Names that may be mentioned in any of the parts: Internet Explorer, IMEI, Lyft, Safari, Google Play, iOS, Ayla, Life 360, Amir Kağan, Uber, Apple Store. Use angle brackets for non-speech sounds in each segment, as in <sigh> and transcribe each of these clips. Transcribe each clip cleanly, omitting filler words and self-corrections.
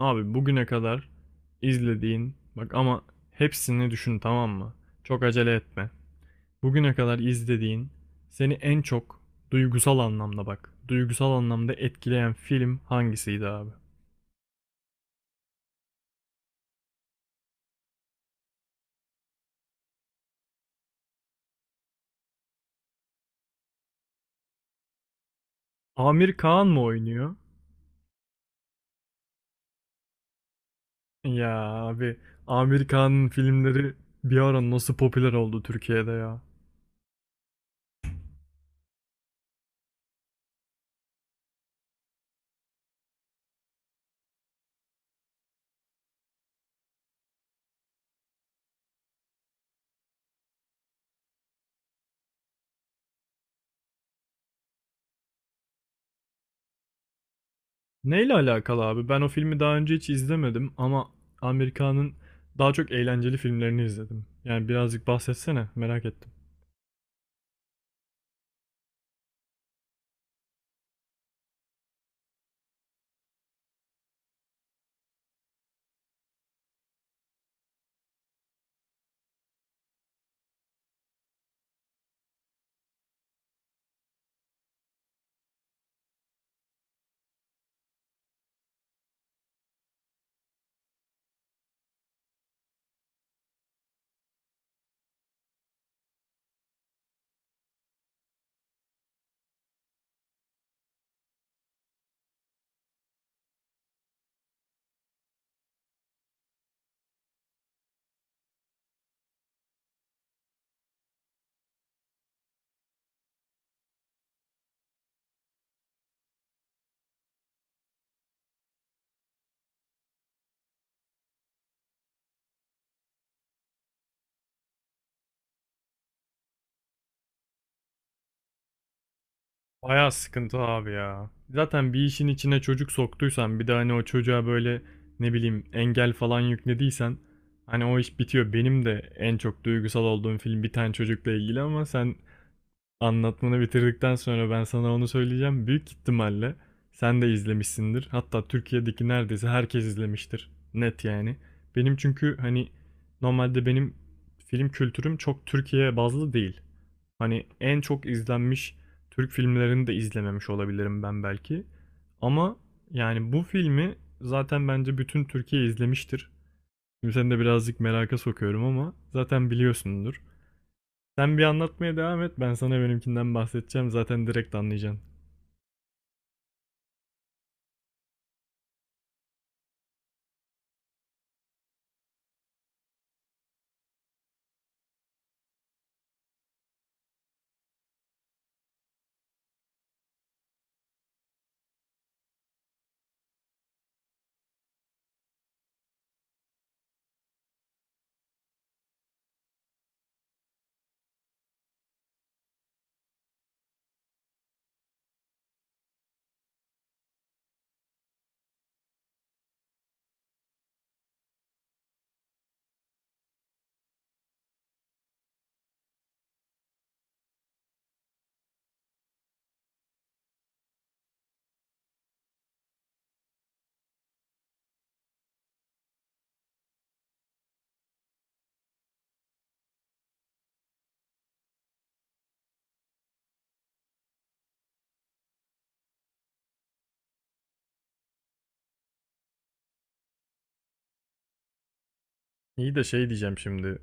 Abi bugüne kadar izlediğin bak ama hepsini düşün, tamam mı? Çok acele etme. Bugüne kadar izlediğin, seni en çok duygusal anlamda bak. Duygusal anlamda etkileyen film hangisiydi abi? Amir Kağan mı oynuyor? Ya abi, Amir Kağan'ın filmleri bir ara nasıl popüler oldu Türkiye'de ya? Neyle alakalı abi? Ben o filmi daha önce hiç izlemedim ama Amir Kağan'ın daha çok eğlenceli filmlerini izledim. Yani birazcık bahsetsene, merak ettim. Bayağı sıkıntı abi ya. Zaten bir işin içine çocuk soktuysan, bir de hani o çocuğa böyle ne bileyim engel falan yüklediysen hani o iş bitiyor. Benim de en çok duygusal olduğum film bir tane çocukla ilgili, ama sen anlatmanı bitirdikten sonra ben sana onu söyleyeceğim. Büyük ihtimalle sen de izlemişsindir. Hatta Türkiye'deki neredeyse herkes izlemiştir. Net yani. Benim çünkü hani normalde benim film kültürüm çok Türkiye bazlı değil. Hani en çok izlenmiş Türk filmlerini de izlememiş olabilirim ben belki. Ama yani bu filmi zaten bence bütün Türkiye izlemiştir. Şimdi seni de birazcık meraka sokuyorum ama zaten biliyorsundur. Sen bir anlatmaya devam et, ben sana benimkinden bahsedeceğim, zaten direkt anlayacaksın. İyi de şey diyeceğim şimdi.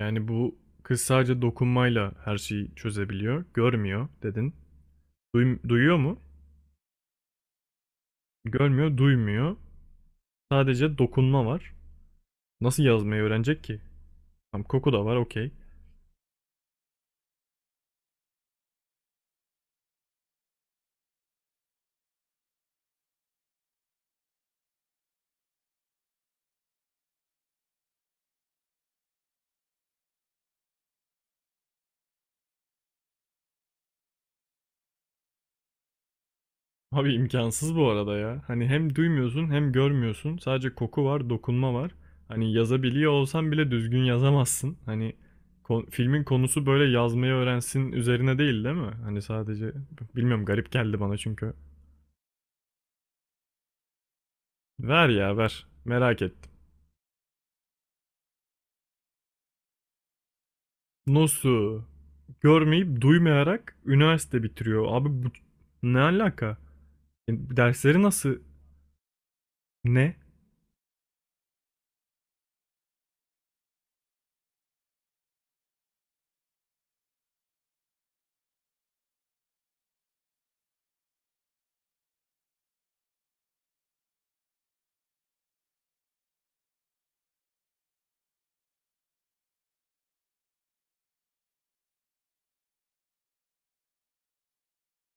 Yani bu kız sadece dokunmayla her şeyi çözebiliyor. Görmüyor dedin. Duyuyor mu? Görmüyor, duymuyor. Sadece dokunma var. Nasıl yazmayı öğrenecek ki? Tam, koku da var, okey. Abi imkansız bu arada ya. Hani hem duymuyorsun hem görmüyorsun. Sadece koku var, dokunma var. Hani yazabiliyor olsan bile düzgün yazamazsın. Hani filmin konusu böyle yazmayı öğrensin üzerine değil, değil mi? Hani sadece bilmiyorum, garip geldi bana çünkü. Ver ya, ver. Merak ettim. Nasıl? Görmeyip duymayarak üniversite bitiriyor. Abi bu ne alaka? E, Dersleri nasıl? Ne?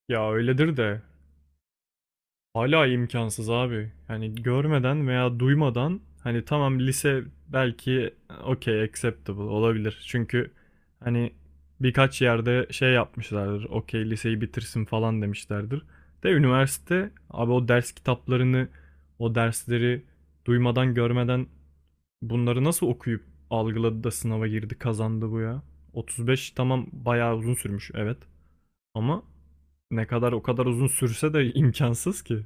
Ya öyledir de hala imkansız abi. Hani görmeden veya duymadan, hani tamam, lise belki okey acceptable olabilir. Çünkü hani birkaç yerde şey yapmışlardır. Okey, liseyi bitirsin falan demişlerdir. De üniversite abi, o ders kitaplarını, o dersleri duymadan görmeden bunları nasıl okuyup algıladı da sınava girdi, kazandı bu ya? 35, tamam, bayağı uzun sürmüş, evet. Ama ne kadar o kadar uzun sürse de imkansız ki.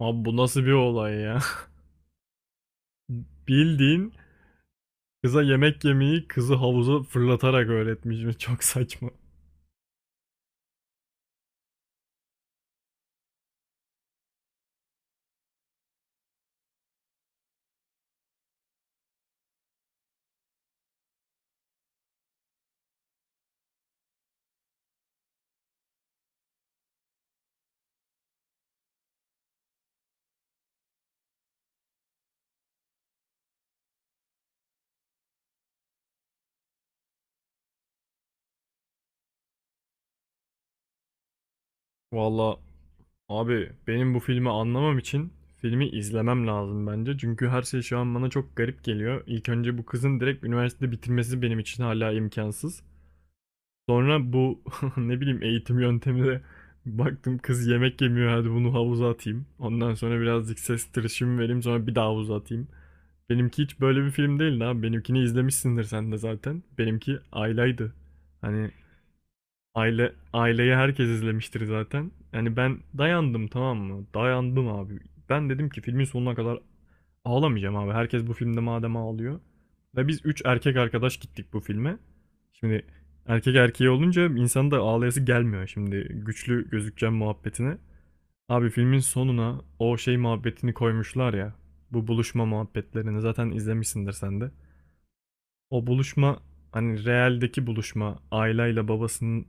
Abi bu nasıl bir olay ya? <laughs> Bildiğin kıza yemek yemeyi kızı havuza fırlatarak öğretmiş. <laughs> Çok saçma. Valla abi benim bu filmi anlamam için filmi izlemem lazım bence. Çünkü her şey şu an bana çok garip geliyor. İlk önce bu kızın direkt üniversite bitirmesi benim için hala imkansız. Sonra bu <laughs> ne bileyim eğitim yöntemi, baktım kız yemek yemiyor, hadi bunu havuza atayım. Ondan sonra birazcık ses tırışımı vereyim, sonra bir daha havuza atayım. Benimki hiç böyle bir film değil abi. Benimkini izlemişsindir sen de zaten. Benimki aileydi. Hani aile, aileyi herkes izlemiştir zaten. Yani ben dayandım, tamam mı? Dayandım abi. Ben dedim ki filmin sonuna kadar ağlamayacağım abi. Herkes bu filmde madem ağlıyor. Ve biz üç erkek arkadaş gittik bu filme. Şimdi erkek erkeği olunca insanın da ağlayası gelmiyor, şimdi güçlü gözükeceğim muhabbetine. Abi filmin sonuna o şey muhabbetini koymuşlar ya. Bu buluşma muhabbetlerini zaten izlemişsindir sen de. O buluşma, hani realdeki buluşma, aileyle babasının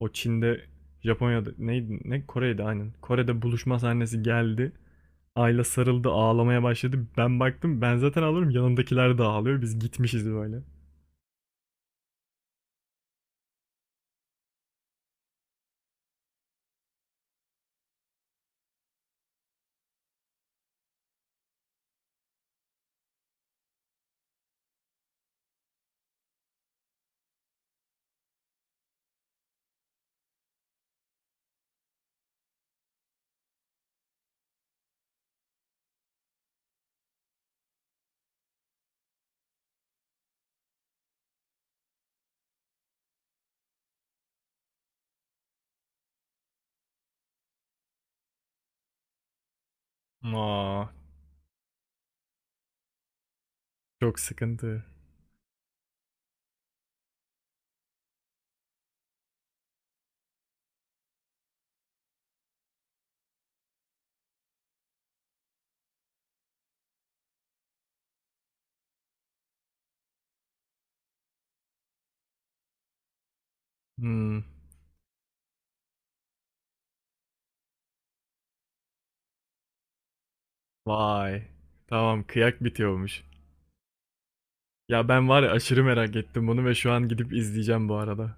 o Çin'de, Japonya'da neydi, ne, Kore'de, aynen. Kore'de buluşma sahnesi geldi. Ayla sarıldı, ağlamaya başladı. Ben baktım, ben zaten ağlıyorum, yanımdakiler de ağlıyor. Biz gitmişiz böyle. Aa, çok sıkıntı. Hmm, vay. Tamam, kıyak bitiyormuş. Ya ben var ya, aşırı merak ettim bunu ve şu an gidip izleyeceğim bu arada.